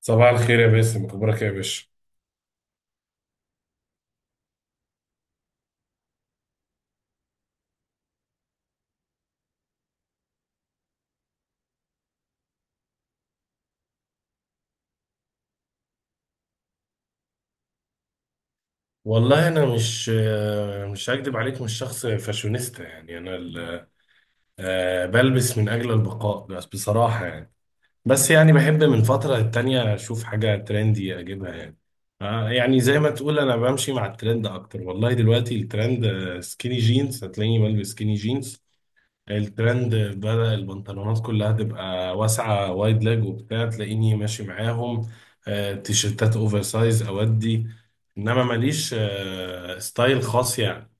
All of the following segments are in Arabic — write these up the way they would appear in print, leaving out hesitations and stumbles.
صباح الخير يا باسم، اخبارك إيه يا باشا؟ والله انا مش هكدب عليك، مش شخص فاشونيستا يعني. انا ال- آه، بلبس من اجل البقاء، بس بصراحة يعني بس يعني بحب من فترة للتانية اشوف حاجة ترندي اجيبها يعني. يعني زي ما تقول انا بمشي مع الترند اكتر. والله دلوقتي الترند سكيني جينز، هتلاقيني بلبس سكيني جينز. الترند بدأ البنطلونات كلها تبقى واسعة، وايد لاج وبتاع، تلاقيني ماشي معاهم. تيشيرتات اوفر سايز اودي. انما ماليش ستايل خاص يعني.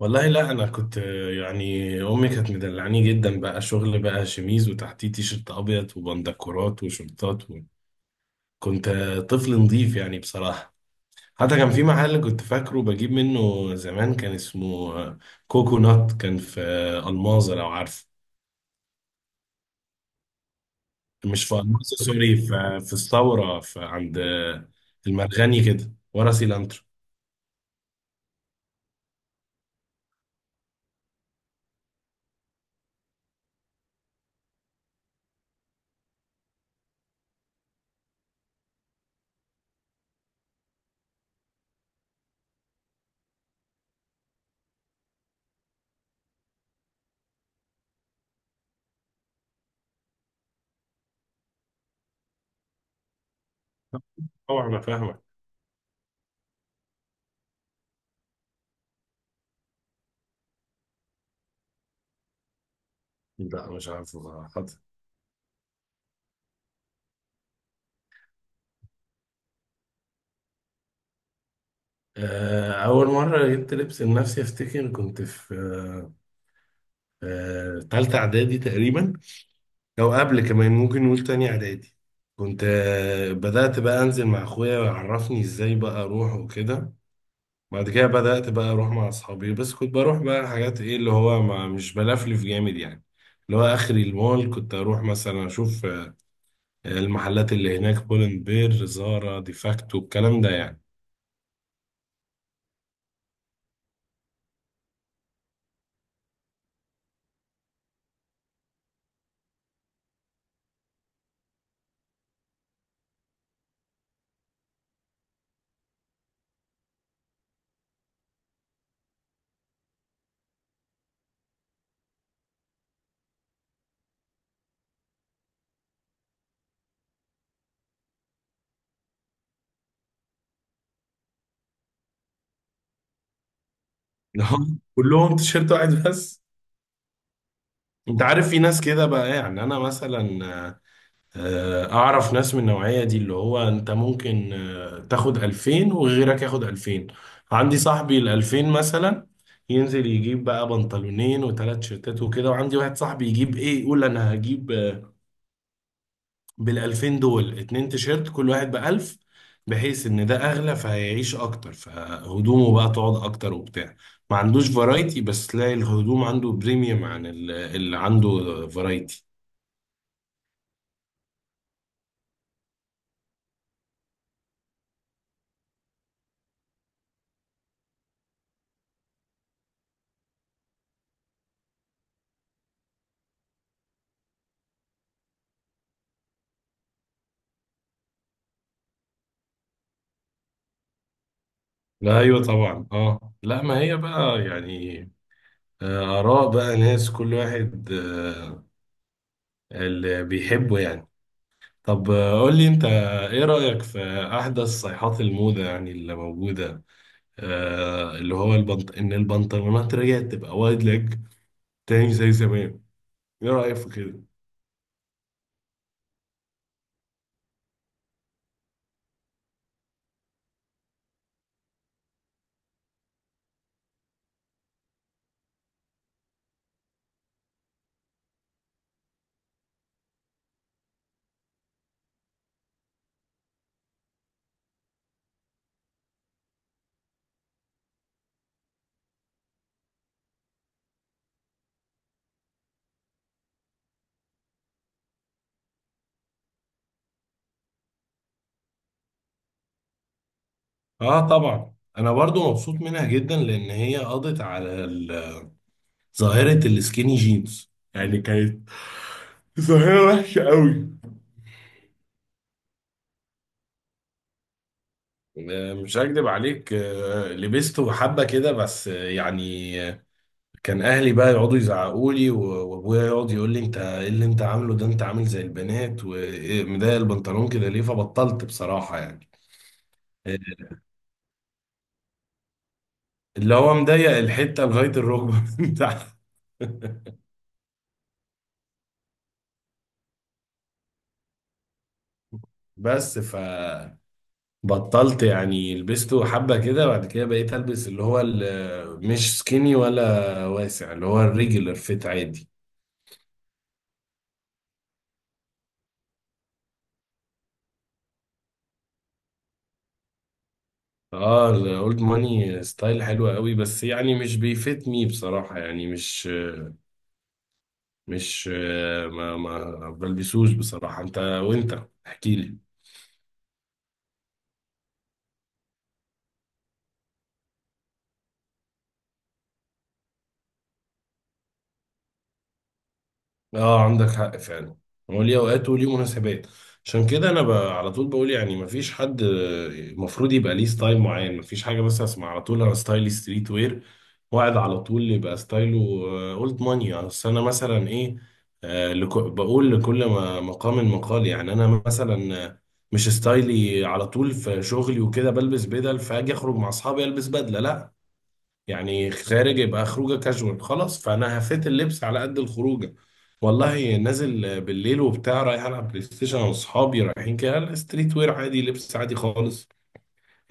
والله لا، انا كنت يعني امي كانت مدلعاني جدا، بقى شغل بقى شميز وتحتيه تيشيرت ابيض وبندكورات وشورتات و... كنت طفل نظيف يعني بصراحة. حتى كان في محل كنت فاكره بجيب منه زمان، كان اسمه كوكونات، كان في الماظة لو عارفه. مش في النص، سوري، في الثوره، في عند المرغني كده ورا سيلانترو. طبعا انا فاهمك. لا مش عارف بصراحه، حاضر. اول مره جبت لبس لنفسي افتكر كنت في تالتة اعدادي تقريبا، او قبل كمان، ممكن نقول تاني اعدادي. كنت بدات بقى انزل مع اخويا ويعرفني ازاي بقى اروح وكده. بعد كده بدأت بقى أروح مع أصحابي، بس كنت بروح بقى حاجات، إيه اللي هو ما مش بلفلف جامد يعني. اللي هو آخري المول، كنت أروح مثلا أشوف المحلات اللي هناك: بولن بير، زارا، ديفاكتو، الكلام ده يعني. كلهم تيشيرت واحد بس. أنت عارف في ناس كده بقى، يعني أنا مثلا آه، اعرف ناس من النوعية دي، اللي هو انت ممكن تاخد 2000 وغيرك ياخد 2000. عندي صاحبي ال 2000 مثلا ينزل يجيب بقى بنطلونين وثلاث شيرتات وكده، وعندي واحد صاحبي يجيب ايه، يقول انا هجيب بال 2000 دول اتنين تيشيرت، كل واحد ب 1000، بحيث ان ده اغلى فهيعيش اكتر، فهدومه بقى تقعد اكتر وبتاع. ما عندوش فرايتي، بس تلاقي الهدوم عنده بريميوم عن اللي عنده فرايتي. لا ايوه طبعا، اه لا، ما هي بقى يعني آراء بقى ناس، كل واحد اللي بيحبه يعني. طب قول لي أنت، إيه رأيك في أحدث صيحات الموضة يعني اللي موجودة، اللي هو إن البنطلونات رجعت تبقى وايد ليج تاني زي زمان؟ إيه رأيك في كده؟ آه طبعا، أنا برضو مبسوط منها جدا، لأن هي قضت على ظاهرة السكيني جينز. يعني كانت ظاهرة وحشة قوي. مش هكدب عليك، لبسته حبة كده، بس يعني كان اهلي بقى يقعدوا يزعقوا لي وابويا يقعد يقول لي انت ايه اللي انت عامله ده؟ انت عامل زي البنات، ومضايق البنطلون كده ليه؟ فبطلت بصراحة يعني. إيه، اللي هو مضيق الحتة لغاية الركبة من تحت. بس ف بطلت يعني، لبسته حبة كده، بعد كده بقيت البس اللي هو مش سكيني ولا واسع، اللي هو الريجولر فيت عادي. اه الاولد ماني ستايل حلو قوي، بس يعني مش بيفيتني بصراحة، يعني مش مش آه، ما ما بلبسوش بصراحة. انت، وانت احكي لي. اه عندك حق فعلا، هو ليه اوقات وليه مناسبات. عشان كده انا على طول بقول، يعني ما فيش حد المفروض يبقى ليه ستايل معين. ما فيش حاجة، بس اسمع على طول انا ستايلي ستريت وير، واحد على طول يبقى ستايله اولد ماني. اصل انا مثلا ايه، بقول لكل ما مقام مقال يعني. انا مثلا مش ستايلي على طول في شغلي وكده بلبس بدل فاجي، اخرج مع اصحابي البس بدله، لا. يعني خارج يبقى خروجه كاجوال خلاص، فانا هفيت اللبس على قد الخروجه. والله نازل بالليل وبتاع رايح العب بلاي ستيشن انا واصحابي رايحين كده، لا، ستريت وير عادي، لبس عادي خالص.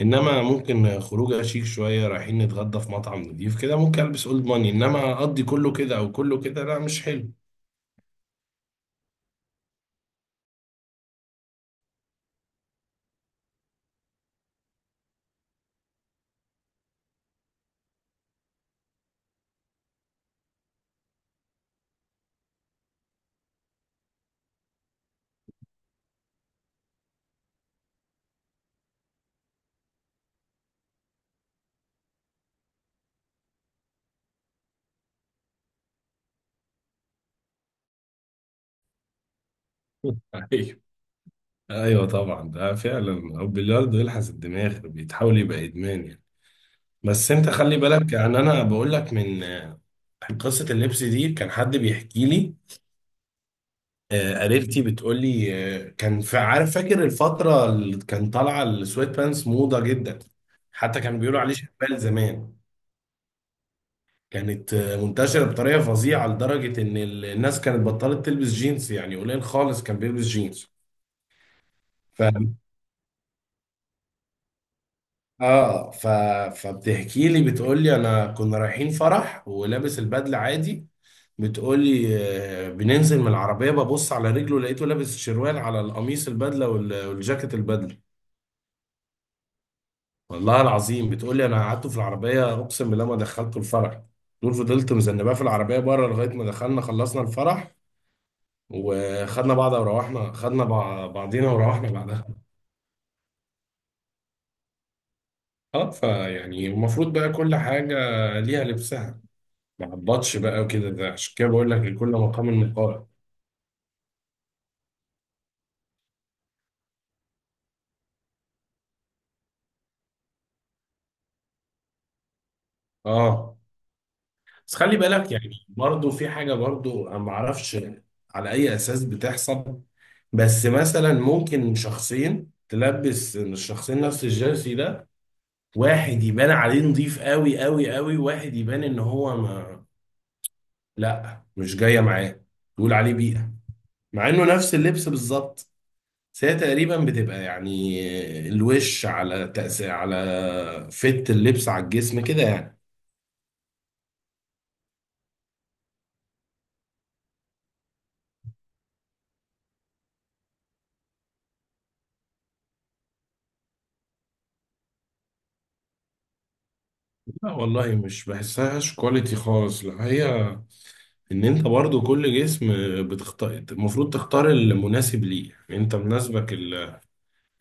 انما ممكن خروجه شيك شويه رايحين نتغدى في مطعم نضيف كده ممكن البس اولد ماني، انما اقضي كله كده او كله كده لا مش حلو. ايوه، ايوه طبعا، ده فعلا. البلياردو يلحس الدماغ، بيتحول يبقى ادمان يعني. بس انت خلي بالك، يعني انا بقول لك عن قصة اللبس دي، كان حد بيحكي لي. قريبتي بتقول لي، كان في، عارف فاكر الفترة اللي كان طالعة السويت بانس موضة جدا؟ حتى كانوا بيقولوا عليه شبال زمان. كانت منتشرة بطريقة فظيعة لدرجة ان الناس كانت بطلت تلبس جينز، يعني قليل خالص كان بيلبس جينز. ف... اه ف... فبتحكي لي بتقول لي انا كنا رايحين فرح ولابس البدلة عادي. بتقولي بننزل من العربية، ببص على رجله لقيته لابس شروال على القميص البدلة والجاكيت البدلة. والله العظيم بتقولي أنا قعدته في العربية، أقسم بالله ما دخلته الفرح. دول فضلت مذنباه في العربية بره لغاية ما دخلنا خلصنا الفرح وخدنا بعض وروحنا، خدنا بعضينا وروحنا بعدها. اه فيعني المفروض بقى كل حاجة ليها لبسها، ما عبطش بقى وكده، ده عشان كده بقول لك لكل مقام مقال. اه بس خلي بالك، يعني برضو في حاجة برضو أنا ما أعرفش على أي أساس بتحصل، بس مثلا ممكن شخصين تلبس الشخصين نفس الجيرسي ده، واحد يبان عليه نظيف قوي قوي قوي، واحد يبان إن هو ما لا مش جاية معاه، تقول عليه بيئة، مع إنه نفس اللبس بالظبط. بس هي تقريبا بتبقى يعني الوش على تأثير على فت اللبس على الجسم كده يعني. لا والله مش بحسهاش كواليتي خالص، لا، هي ان انت برضو كل جسم بتختار، المفروض تختار المناسب ليه، يعني انت مناسبك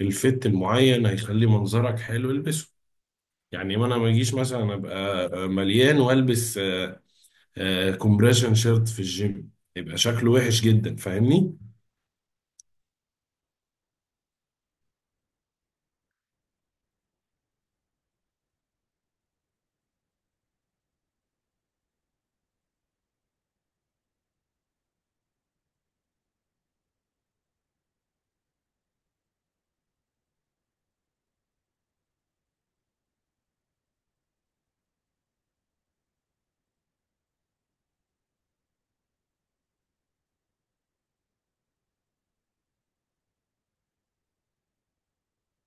الفت المعين هيخلي منظرك حلو، البسه. يعني ما انا ما اجيش مثلا ابقى مليان والبس كومبريشن شيرت في الجيم، يبقى شكله وحش جدا، فاهمني؟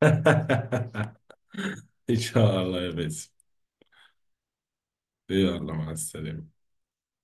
ان شاء الله يا باسم، يلا مع السلامة.